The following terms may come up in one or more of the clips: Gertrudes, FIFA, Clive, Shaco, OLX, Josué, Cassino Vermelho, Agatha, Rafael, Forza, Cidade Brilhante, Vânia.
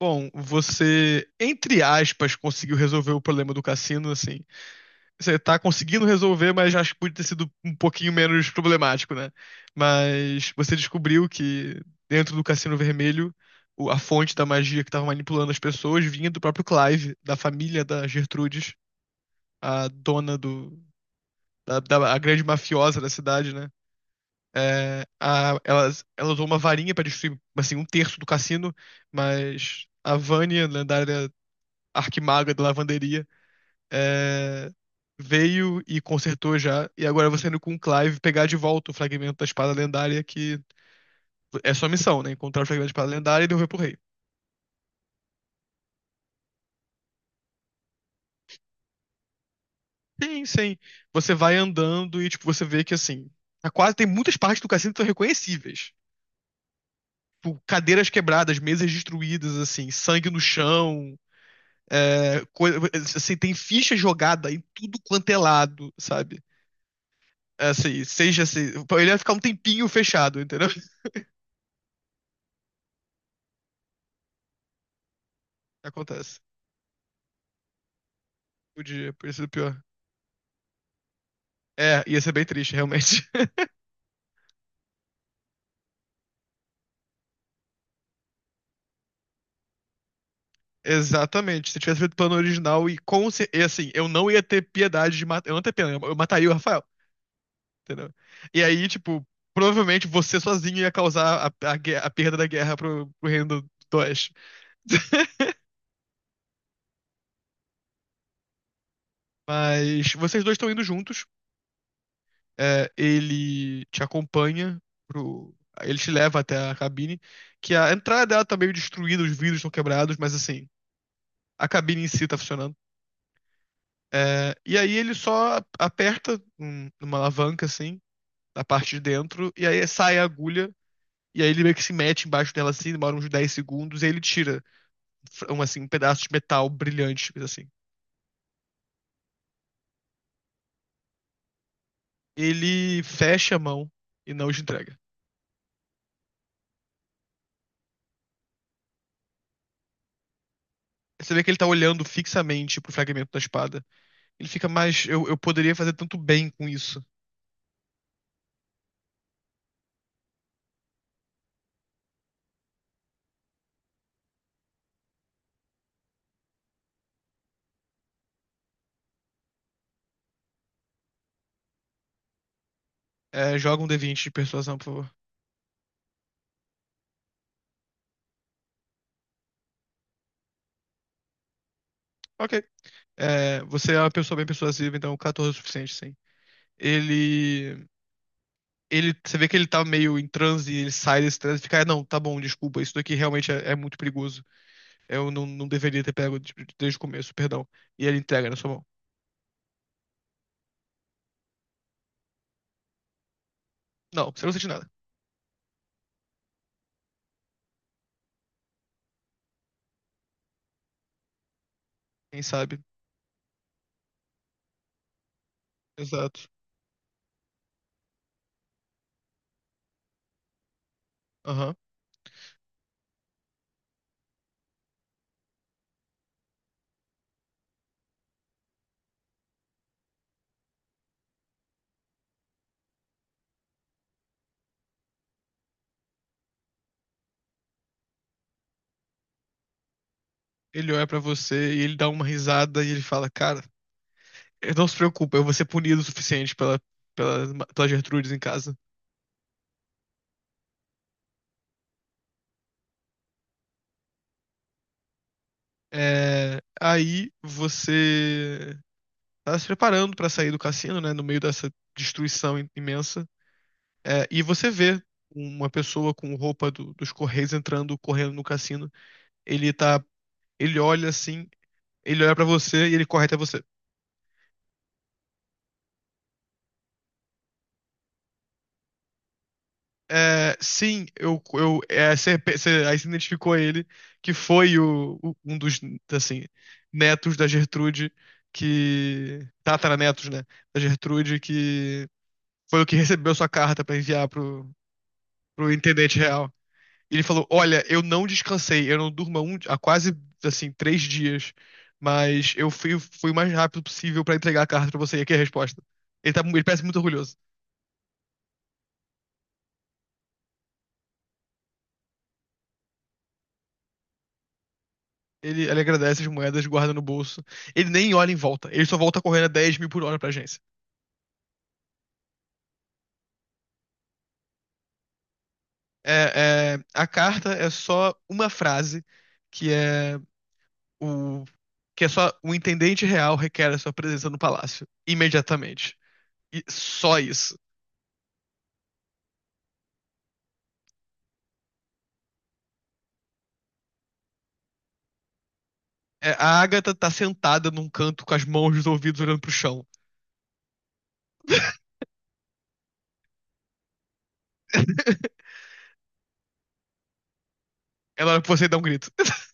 Bom, você, entre aspas, conseguiu resolver o problema do cassino, assim. Você tá conseguindo resolver, mas acho que podia ter sido um pouquinho menos problemático, né? Mas você descobriu que dentro do Cassino Vermelho, a fonte da magia que tava manipulando as pessoas vinha do próprio Clive, da família da Gertrudes, a dona da a grande mafiosa da cidade, né? Ela, ela usou uma varinha pra destruir, assim, um terço do cassino, mas a Vânia, lendária arquimaga da lavanderia, é, veio e consertou já. E agora você indo com o Clive pegar de volta o fragmento da espada lendária, que é sua missão, né? Encontrar o fragmento da espada lendária e devolver pro rei. Sim, sim. Você vai andando e, tipo, você vê que, assim, tá quase tem muitas partes do cassino que são reconhecíveis. Tipo, cadeiras quebradas, mesas destruídas, assim, sangue no chão. É, coisa, assim, tem ficha jogada em tudo quanto é lado, sabe? É, assim, seja assim, ele vai ficar um tempinho fechado, entendeu? Acontece. Podia ser pior. É, ia ser bem triste, realmente. Exatamente. Se tivesse feito o plano original e e assim, eu não ia ter piedade de matar. Eu não ia ter pena, eu mataria o Rafael, entendeu? E aí, tipo, provavelmente você sozinho ia causar a perda da guerra pro reino do Oeste. Mas vocês dois estão indo juntos. É, ele te acompanha pro. Ele te leva até a cabine. Que a entrada dela tá meio destruída, os vidros estão quebrados, mas assim, a cabine em si tá funcionando. É, e aí ele só aperta numa alavanca, assim, na parte de dentro, e aí sai a agulha, e aí ele meio que se mete embaixo dela, assim, demora uns 10 segundos, e aí ele tira um, assim, um pedaço de metal brilhante, coisa assim. Ele fecha a mão e não te entrega. Você vê que ele tá olhando fixamente pro fragmento da espada. Ele fica mais. Eu poderia fazer tanto bem com isso. É, joga um D20 de persuasão, por favor. Ok. É, você é uma pessoa bem persuasiva, então 14 é o suficiente, sim. Ele. Ele, você vê que ele tá meio em transe, ele sai desse transe e fica, "Ah, não, tá bom, desculpa, isso daqui realmente é muito perigoso. Eu não deveria ter pego desde o começo, perdão. E ele entrega na sua mão. Não, você não sente nada. Quem sabe? Exato. Aham. Ele olha pra você e ele dá uma risada e ele fala, cara, não se preocupa, eu vou ser punido o suficiente pela Gertrudes em casa. É, aí você tá se preparando pra sair do cassino, né, no meio dessa destruição imensa. É, e você vê uma pessoa com roupa dos Correios entrando, correndo no cassino. Ele tá, ele olha assim, ele olha pra você e ele corre até você. É, sim, você, aí você identificou ele, que foi um dos, assim, netos da Gertrude, que, tataranetos, né, da Gertrude, que foi o que recebeu sua carta pra enviar pro, pro intendente real. Ele falou: Olha, eu não descansei, eu não durmo há, há quase assim 3 dias, mas fui o mais rápido possível pra entregar a carta pra você. E aqui é a resposta. Ele, tá, ele parece muito orgulhoso. Ele agradece as moedas, guarda no bolso. Ele nem olha em volta, ele só volta correndo a 10 mil por hora pra agência. A carta é só uma frase que é o que é só o intendente real requer a sua presença no palácio imediatamente. E só isso. É, a Agatha tá sentada num canto com as mãos nos ouvidos olhando pro chão. Ela olha pra você e dá um grito.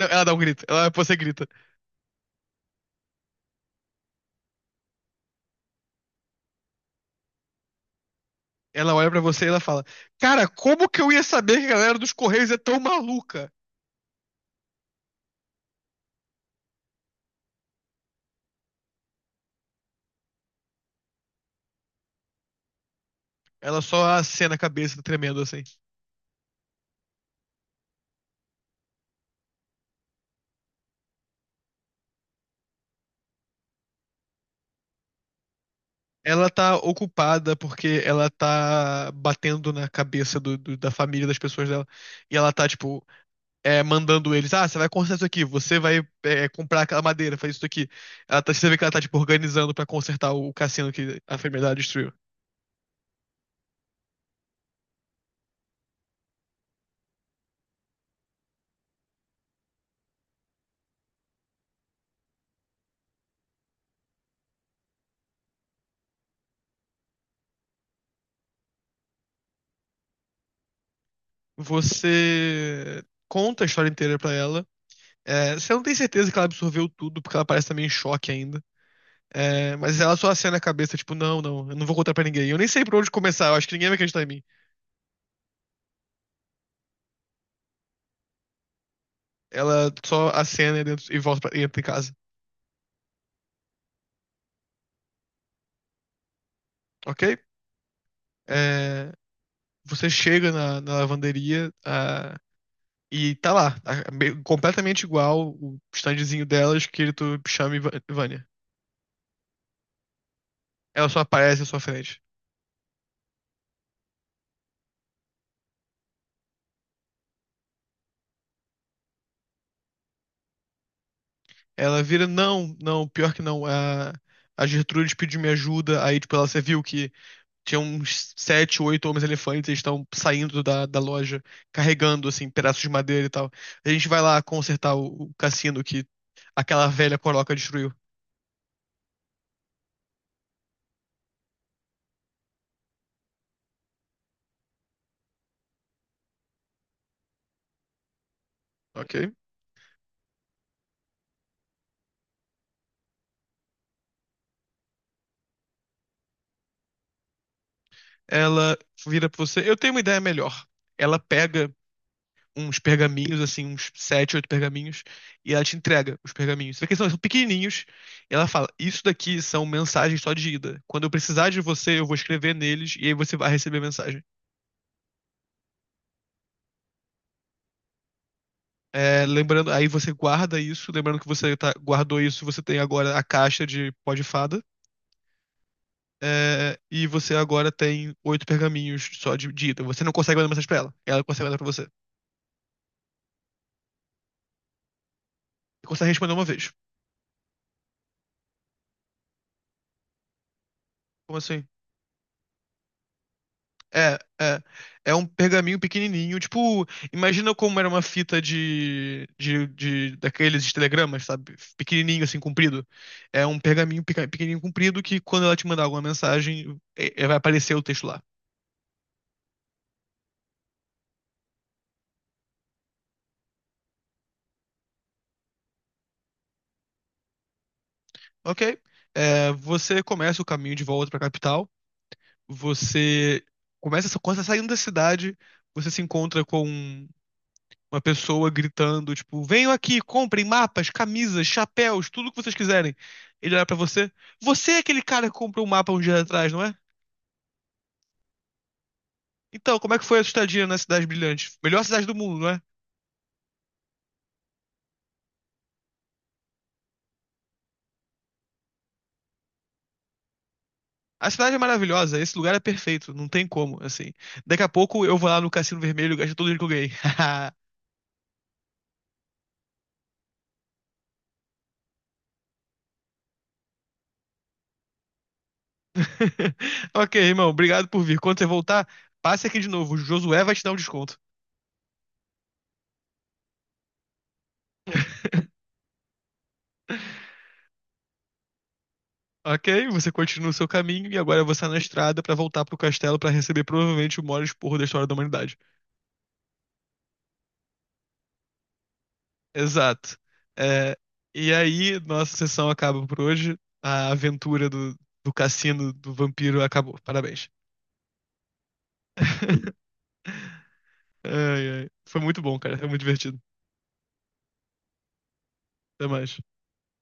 Ela dá um grito. Ela olha pra você e grita. Ela olha pra você e ela fala: Cara, como que eu ia saber que a galera dos Correios é tão maluca? Ela só acena a cabeça, tremendo assim. Ela tá ocupada porque ela tá batendo na cabeça da família das pessoas dela. E ela tá, tipo, é, mandando eles, ah, você vai consertar isso aqui, você vai comprar aquela madeira, fazer isso aqui. Ela tá, você vê que ela tá, tipo, organizando pra consertar o cassino que a enfermidade destruiu. Você conta a história inteira pra ela. É, você não tem certeza que ela absorveu tudo, porque ela parece também em choque ainda. É, mas ela só acena a cabeça, tipo, não, não, eu não vou contar pra ninguém. Eu nem sei por onde começar, eu acho que ninguém vai acreditar em mim. Ela só acena e, e volta pra, e entra em casa, ok? É, você chega na, na lavanderia, e tá lá, tá completamente igual o standzinho dela, escrito Chame Vânia. Ela só aparece à sua frente. Ela vira, não, não, pior que não. A Gertrude pediu minha ajuda. Aí, tipo, ela, você viu que tinha uns sete, oito homens-elefantes, eles estão saindo da loja, carregando, assim, pedaços de madeira e tal. A gente vai lá consertar o cassino que aquela velha coroca destruiu. Ok? Ela vira pra você, eu tenho uma ideia melhor. Ela pega uns pergaminhos, assim, uns sete, oito pergaminhos, e ela te entrega os pergaminhos. Só que são pequenininhos, e ela fala: Isso daqui são mensagens só de ida. Quando eu precisar de você, eu vou escrever neles, e aí você vai receber a mensagem. É, lembrando, aí você guarda isso, lembrando que você guardou isso, você tem agora a caixa de pó de fada. É, e você agora tem 8 pergaminhos só de ida. Você não consegue mandar mensagem pra ela. Ela consegue mandar pra você. Você consegue responder uma vez. Como assim? É, é. É um pergaminho pequenininho. Tipo, imagina como era uma fita daqueles de telegramas, sabe? Pequenininho, assim, comprido. É um pergaminho pequenininho, comprido, que quando ela te mandar alguma mensagem, vai aparecer o texto lá. Ok? É, você começa o caminho de volta pra capital. Você começa, quando você tá saindo da cidade, você se encontra com uma pessoa gritando, tipo, venham aqui, comprem mapas, camisas, chapéus, tudo o que vocês quiserem. Ele olha pra você. Você é aquele cara que comprou um mapa um dia atrás, não é? Então, como é que foi a sua estadia na Cidade Brilhante? Melhor cidade do mundo, não é? A cidade é maravilhosa, esse lugar é perfeito, não tem como, assim. Daqui a pouco eu vou lá no Cassino Vermelho e gasto todo o dinheiro que eu ganhei. Ok, irmão, obrigado por vir. Quando você voltar, passe aqui de novo. O Josué vai te dar um desconto. Ok, você continua o seu caminho e agora você é na estrada pra voltar pro castelo pra receber provavelmente o maior esporro da história da humanidade. Exato. É, e aí, nossa sessão acaba por hoje. A aventura do, do cassino do vampiro acabou. Parabéns. Ai, ai. Foi muito bom, cara. Foi muito divertido. Até mais.